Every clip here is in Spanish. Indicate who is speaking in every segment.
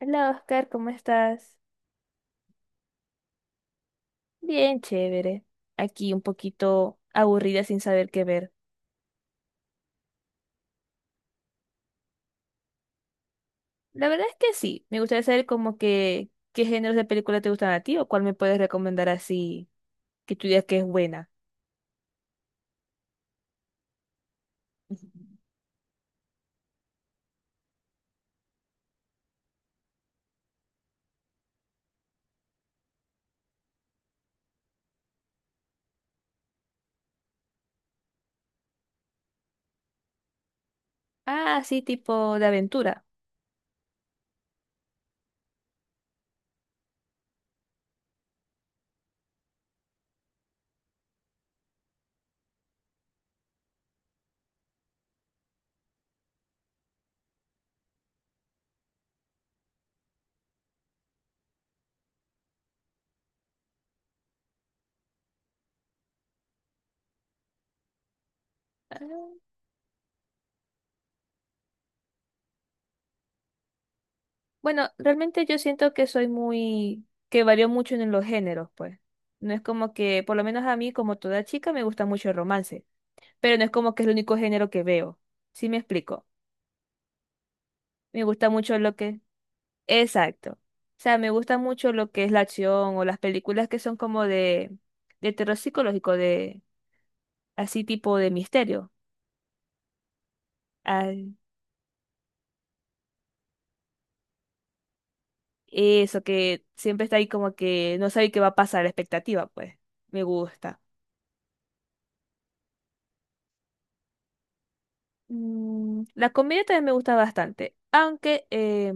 Speaker 1: Hola Oscar, ¿cómo estás? Bien, chévere. Aquí un poquito aburrida sin saber qué ver. La verdad es que sí, me gustaría saber como que qué géneros de película te gustan a ti o cuál me puedes recomendar así que tú digas que es buena. Ah, sí, tipo de aventura. Ah, bueno, realmente yo siento que soy muy, que varío mucho en los géneros, pues. No es como que, por lo menos a mí, como toda chica, me gusta mucho el romance, pero no es como que es el único género que veo. ¿Sí me explico? Me gusta mucho lo que... Exacto. O sea, me gusta mucho lo que es la acción o las películas que son como de terror psicológico, de así tipo de misterio. Ay, eso que siempre está ahí como que no sabe qué va a pasar, la expectativa, pues. Me gusta. Mm, la comedia también me gusta bastante, aunque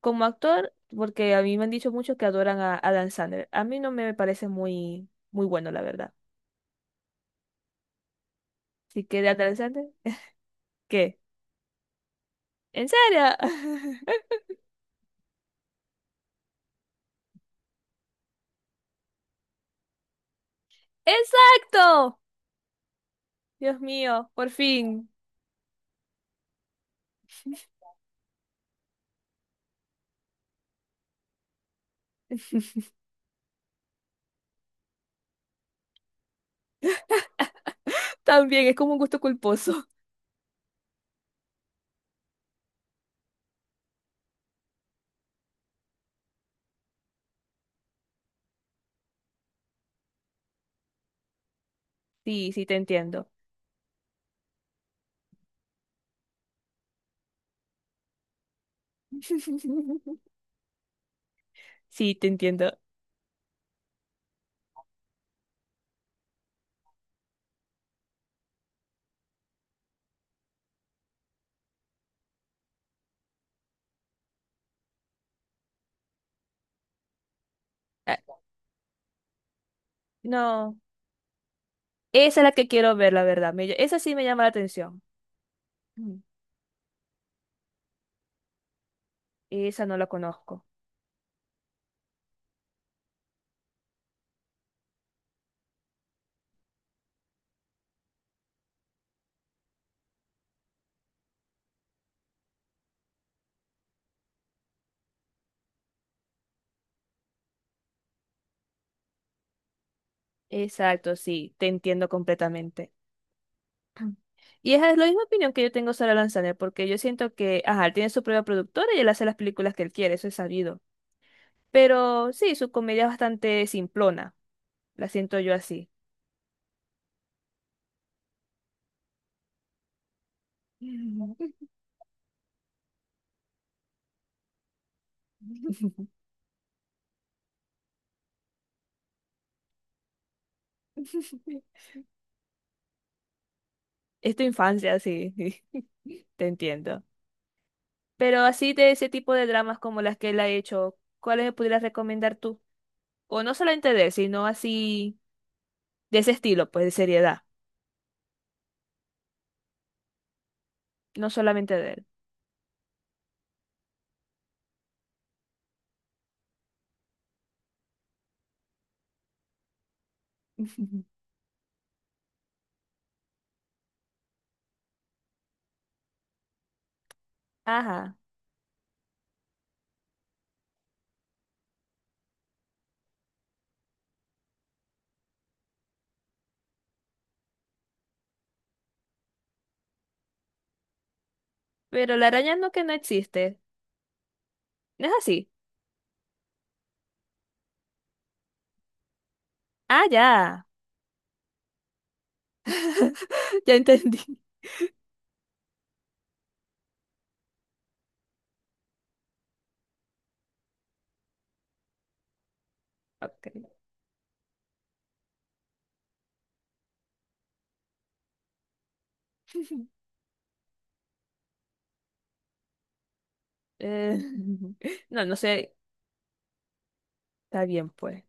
Speaker 1: como actor, porque a mí me han dicho muchos que adoran a Adam Sandler. A mí no me parece muy, muy bueno, la verdad. Así que de Adam Sandler, ¿qué? ¿En serio? Exacto. Dios mío, por fin. También es como un gusto culposo. Sí, sí, te entiendo. Sí, te entiendo. Ah, no, esa es la que quiero ver, la verdad. Me ll- esa sí me llama la atención. Mm, esa no la conozco. Exacto, sí, te entiendo completamente. Mm. Y esa es la misma opinión que yo tengo sobre Lanzaner, porque yo siento que, ajá, él tiene su propia productora y él hace las películas que él quiere, eso es sabido. Pero sí, su comedia es bastante simplona, la siento yo así. Es tu infancia, sí, sí, te entiendo. Pero así de ese tipo de dramas como las que él ha hecho, ¿cuáles me pudieras recomendar tú? O no solamente de él, sino así de ese estilo, pues de seriedad, no solamente de él. Ajá, pero la araña no que no existe, ¿no es así? Ah, ya, ya entendí. Ok. Eh, no, no sé, está bien pues.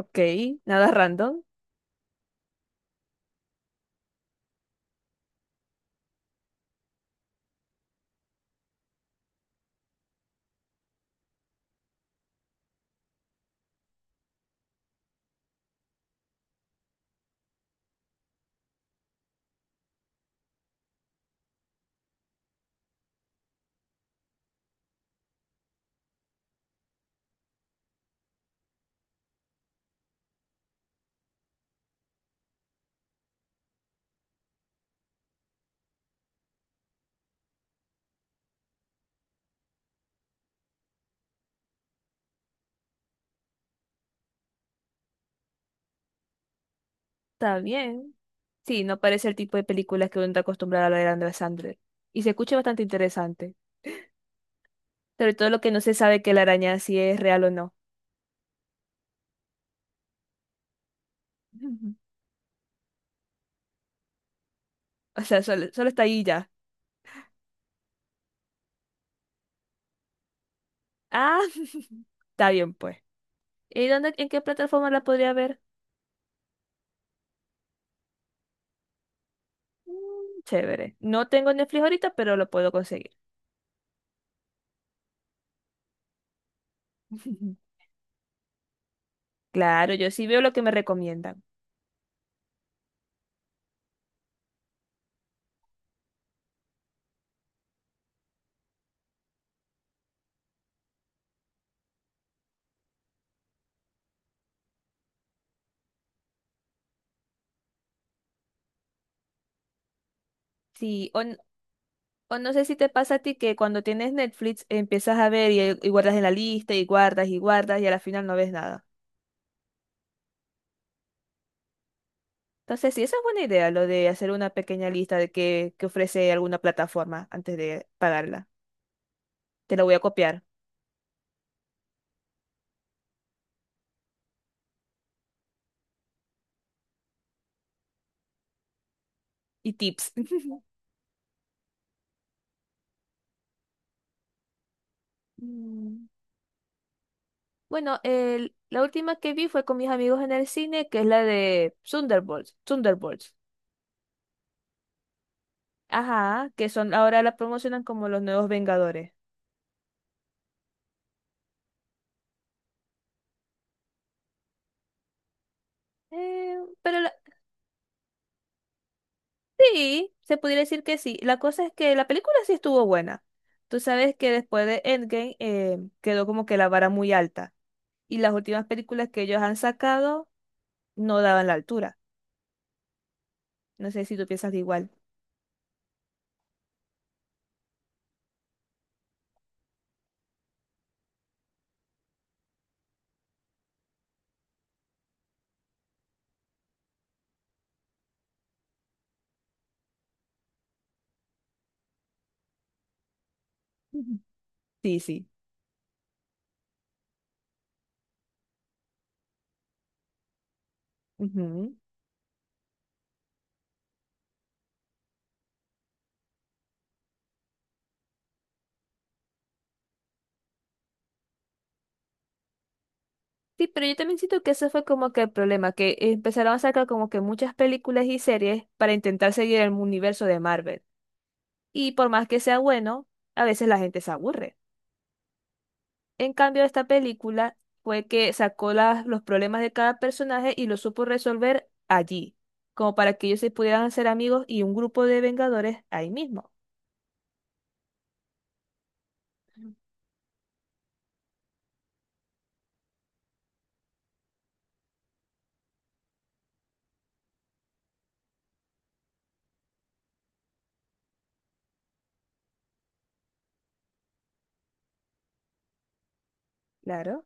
Speaker 1: Ok, nada random, está bien. Sí, no parece el tipo de películas que uno está acostumbrado a ver de Andrea Sandler. Y se escucha bastante interesante. Sobre todo lo que no se sabe que la araña si es real o no. Ujú. O sea, solo, solo está ahí y ya. Ah, está bien pues. ¿Y dónde, en qué plataforma la podría ver? Mm, chévere. No tengo Netflix ahorita, pero lo puedo conseguir. Claro, yo sí veo lo que me recomiendan. Sí, o, o no sé si te pasa a ti que cuando tienes Netflix empiezas a ver y guardas en la lista y guardas y guardas y a la final no ves nada. Entonces, sí, esa es buena idea, lo de hacer una pequeña lista de qué que ofrece alguna plataforma antes de pagarla. Te la voy a copiar. Y tips. Mm, bueno, la última que vi fue con mis amigos en el cine, que es la de Thunderbolts. Thunderbolts. Ajá, que son ahora la promocionan como los nuevos Vengadores. Eh, pero la- sí, se pudiera decir que sí. La cosa es que la película sí estuvo buena. Tú sabes que después de Endgame quedó como que la vara muy alta y las últimas películas que ellos han sacado no daban la altura. No sé si tú piensas de igual. Ujú. Sí, sí. Ujú. Sí, pero yo también siento que ese fue como que el problema, que empezaron a sacar como que muchas películas y series para intentar seguir el universo de Marvel. Y por más que sea bueno, a veces la gente se aburre. En cambio, esta película fue que sacó los problemas de cada personaje y los supo resolver allí, como para que ellos se pudieran hacer amigos y un grupo de Vengadores ahí mismo. Claro.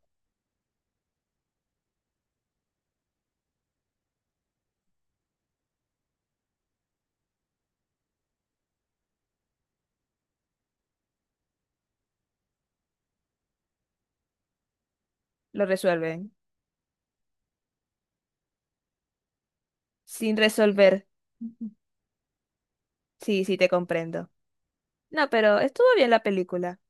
Speaker 1: Lo resuelven. Sin resolver. Ujú. Sí, sí, te comprendo. No, pero estuvo bien la película.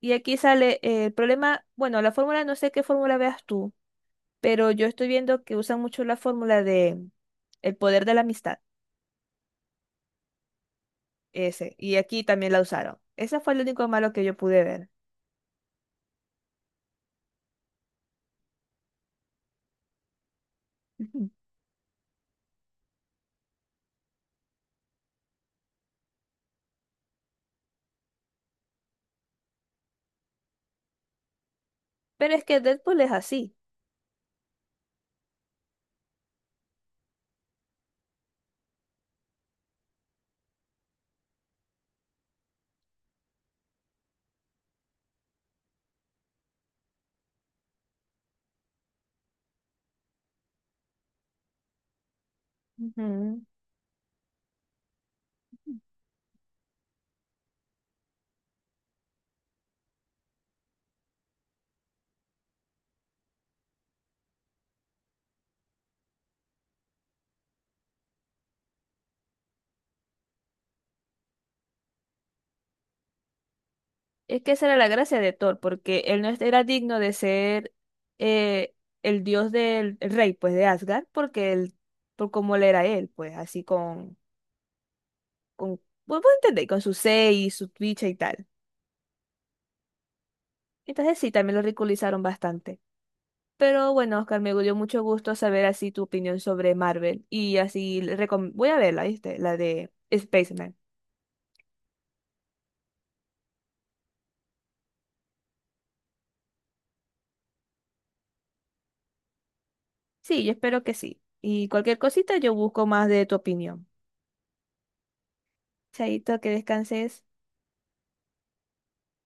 Speaker 1: Y aquí sale el problema, bueno, la fórmula, no sé qué fórmula veas tú, pero yo estoy viendo que usan mucho la fórmula de el poder de la amistad, ese. Y aquí también la usaron. Ese fue el único malo que yo pude ver. Ujú. Pero es que Deadpool es así. Ujú. Es que esa era la gracia de Thor, porque él no era digno de ser eh, el dios del el rey, pues, de Asgard, porque él, por cómo él era él, pues, así con, bueno, pues, entendéis, con su seis, su bicha y tal. Entonces sí, también lo ridiculizaron bastante. Pero bueno, Oscar, me dio mucho gusto saber así tu opinión sobre Marvel. Y así, le recom- voy a verla, ¿viste? La de Spaceman. Sí, yo espero que sí. Y cualquier cosita yo busco más de tu opinión. Chaito, que descanses.